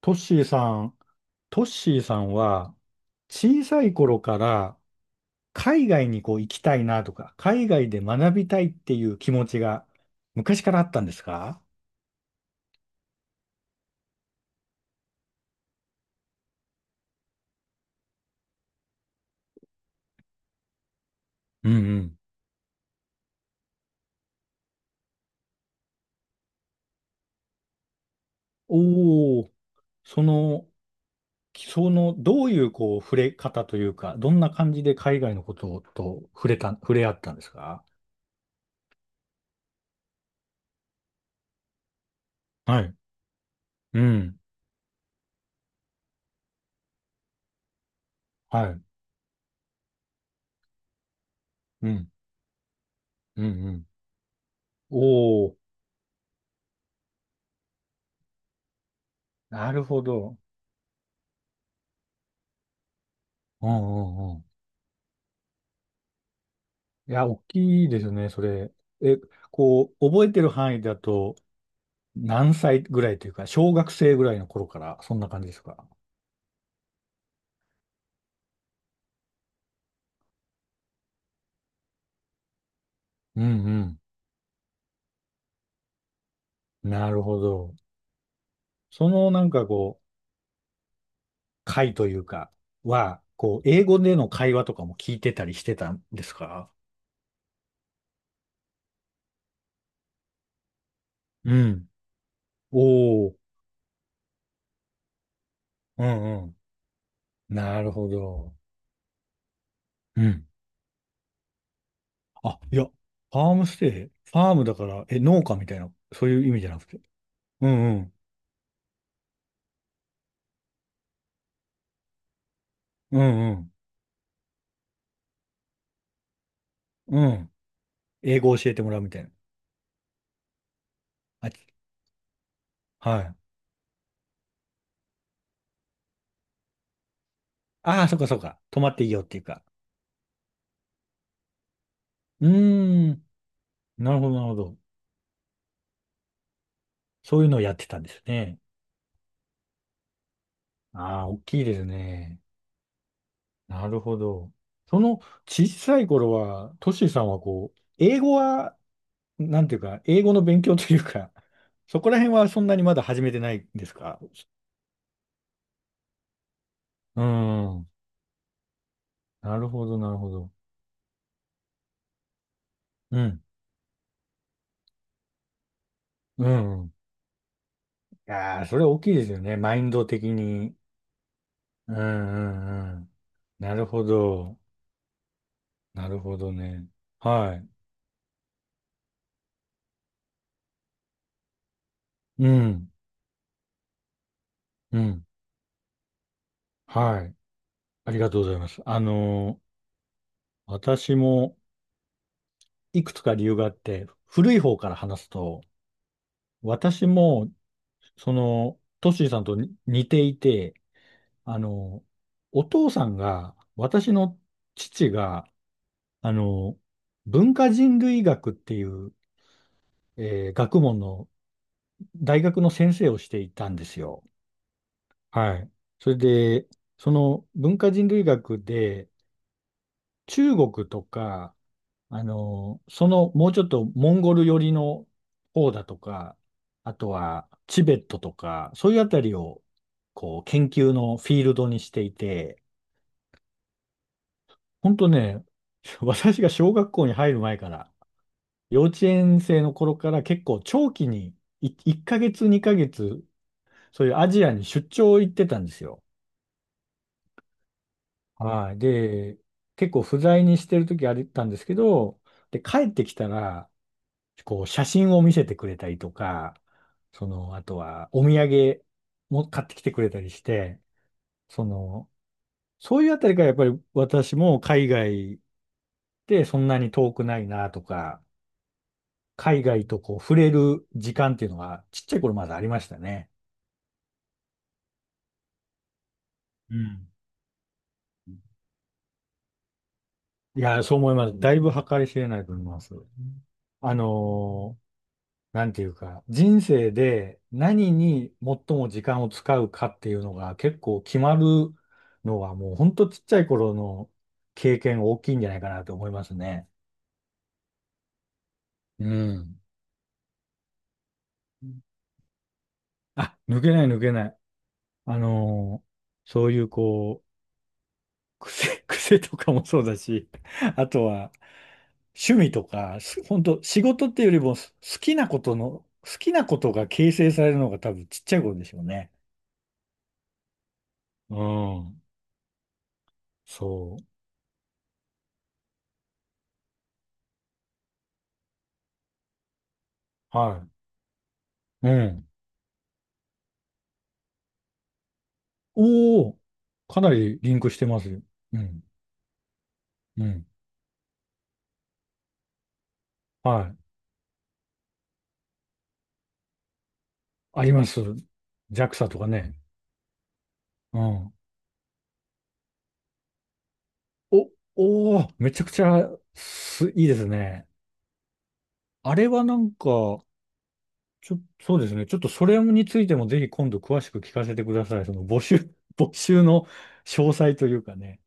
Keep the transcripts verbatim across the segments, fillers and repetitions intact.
トッシーさん、トッシーさんは小さい頃から海外にこう行きたいなとか、海外で学びたいっていう気持ちが昔からあったんですか？うんうん。おお、その、その、どういうこう触れ方というか、どんな感じで海外のことと触れた、触れ合ったんですか？はい。うん。はい。うん。うんうん。おお、なるほど。うんうんうん。いや、大きいですよね、それ。え、こう、覚えてる範囲だと、何歳ぐらいというか、小学生ぐらいの頃から、そんな感じですか？うんうん。なるほど。そのなんかこう、会というか、は、こう、英語での会話とかも聞いてたりしてたんですか？うん。おー。うんうん。なるほど。うん。あ、いや、ファームステイ、ファームだから、え、農家みたいな、そういう意味じゃなくて。うんうん。うんうん。うん。英語教えてもらうみたいな。あ、はい。ああ、そっかそっか。泊まっていいよっていうか。うーん。なるほど、なるほど。そういうのをやってたんですね。ああ、大きいですね。なるほど。その小さい頃は、トシさんはこう、英語は、なんていうか、英語の勉強というか、そこら辺はそんなにまだ始めてないんですか？うーん。なるほど、なるほど。うん。うん。いやー、それ大きいですよね。マインド的に。うん、うん、うん。なるほど。なるほどね。はい。うん。うん。はい。ありがとうございます。あの私もいくつか理由があって、古い方から話すと、私も、その、トッシーさんとに似ていて、あのお父さんが、私の父が、あの文化人類学っていう、えー学問の大学の先生をしていたんですよ。はい。それで、その文化人類学で、中国とか、あの、そのもうちょっとモンゴル寄りの方だとか、あとはチベットとか、そういうあたりをこう研究のフィールドにしていて、本当ね、私が小学校に入る前から、幼稚園生の頃から結構長期にいいっかげつ、にかげつ、そういうアジアに出張行ってたんですよ。はい。で、結構不在にしてる時あったんですけど、で、帰ってきたら、こう、写真を見せてくれたりとか、その、あとは、お土産も買ってきてくれたりして、その、そういうあたりからやっぱり私も海外でそんなに遠くないなとか、海外とこう、触れる時間っていうのが、ちっちゃい頃まだありましたね。うん。いや、そう思います。だいぶ計り知れないと思います。あのーなんていうか、人生で何に最も時間を使うかっていうのが結構決まるのはもうほんとちっちゃい頃の経験大きいんじゃないかなと思いますね。うん。あ、抜けない抜けない。あのーそういうこう、癖、癖とかもそうだし、あとは趣味とか、本当仕事っていうよりもす好きなことの、好きなことが形成されるのが多分ちっちゃい頃でしょうね。うん。そう。はい。うん。おお、かなりリンクしてますよ。うん、うん。はい。あります。JAXA とかね。うん。お、おお、めちゃくちゃす、いいですね。あれはなんか、ちょ、そうですね。ちょっとそれについてもぜひ今度詳しく聞かせてください。その募集、募集の詳細というかね。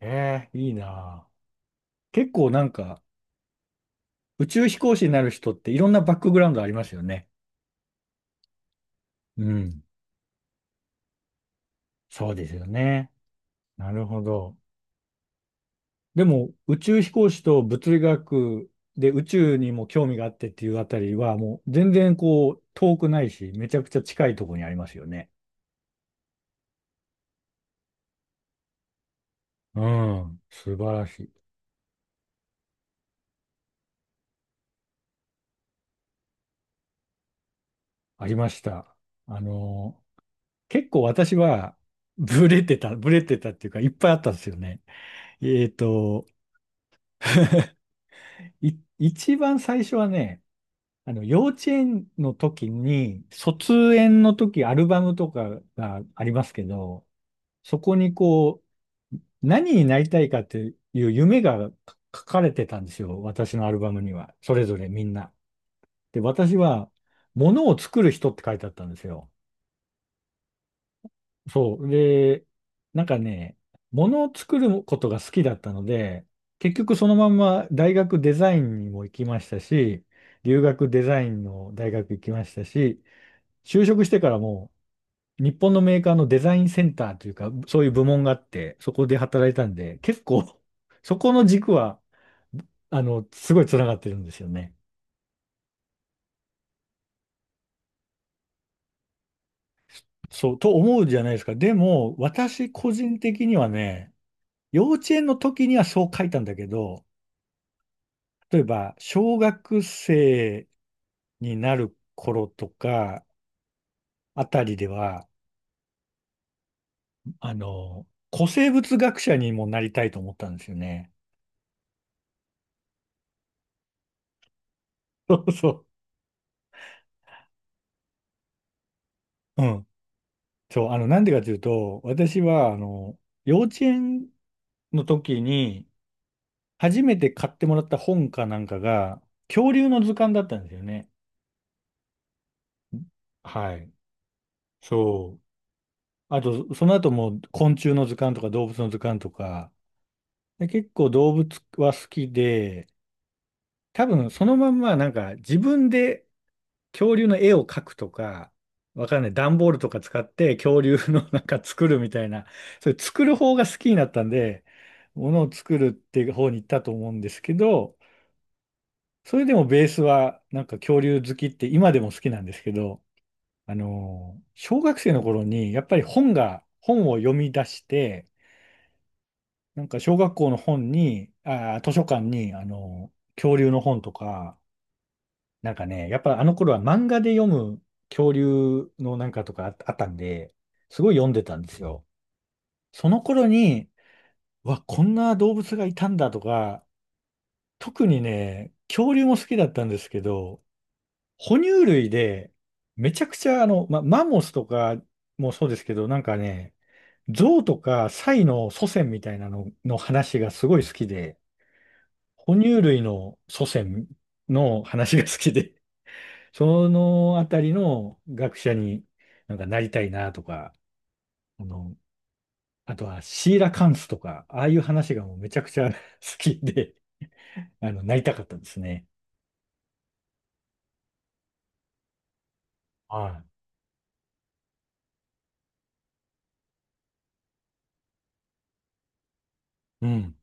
ええ、いいなあ。結構なんか、宇宙飛行士になる人っていろんなバックグラウンドありますよね。うん。そうですよね。なるほど。でも、宇宙飛行士と物理学で宇宙にも興味があってっていうあたりは、もう全然こう、遠くないし、めちゃくちゃ近いところにありますよね。うん、素晴らしい。ありました。あの、結構私は、ブレてた、ブレてたっていうか、いっぱいあったんですよね。えっと、い、一番最初はね、あの、幼稚園の時に、卒園の時、アルバムとかがありますけど、そこにこう、何になりたいかっていう夢が書かれてたんですよ。私のアルバムには。それぞれみんな。で、私は、物を作る人って書いてあったんですよ。そう。で、なんかね、物を作ることが好きだったので、結局そのまんま大学デザインにも行きましたし、留学デザインの大学行きましたし、就職してからも日本のメーカーのデザインセンターというか、そういう部門があって、そこで働いたんで、結構、そこの軸は、あの、すごい繋がってるんですよね。そう、と思うじゃないですか。でも、私個人的にはね、幼稚園の時にはそう書いたんだけど、例えば、小学生になる頃とか、あたりでは、あの、古生物学者にもなりたいと思ったんですよね。そうそう。うん。そう、あの、なんでかというと、私は、あの、幼稚園の時に、初めて買ってもらった本かなんかが、恐竜の図鑑だったんですよね。はい。そう。あと、その後も昆虫の図鑑とか動物の図鑑とか、で結構動物は好きで、多分そのまんまなんか自分で恐竜の絵を描くとか、わかんない。段ボールとか使って恐竜のなんか作るみたいな、それ作る方が好きになったんで、ものを作るっていう方に行ったと思うんですけど、それでもベースはなんか恐竜好きって今でも好きなんですけど、あの、小学生の頃にやっぱり本が、本を読み出して、なんか小学校の本に、あー、図書館に、あの、恐竜の本とか、なんかね、やっぱあの頃は漫画で読む恐竜のなんかとかああったんで、すごい読んでたんですよ。その頃に、うわ、こんな動物がいたんだとか、特にね、恐竜も好きだったんですけど、哺乳類で、めちゃくちゃあの、ま、マンモスとかもそうですけど、なんかね、象とかサイの祖先みたいなのの話がすごい好きで、哺乳類の祖先の話が好きでそのあたりの学者になんかなりたいなとか、あの、あとはシーラカンスとか、ああいう話がもうめちゃくちゃ 好きで、あの、なりたかったですね。はい。うん。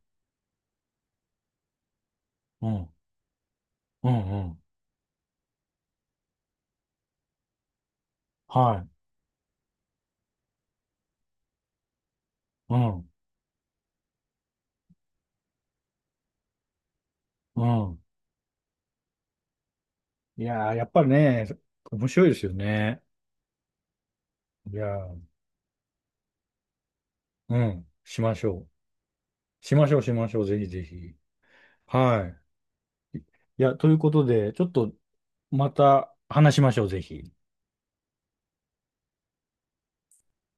うん。うん。うん。はい。うん。うん。いやー、やっぱりね、面白いですよね。いやー、うん、しましょう。しましょう、しましょう。ぜひぜひ。はい。いや、ということで、ちょっとまた話しましょう、ぜひ。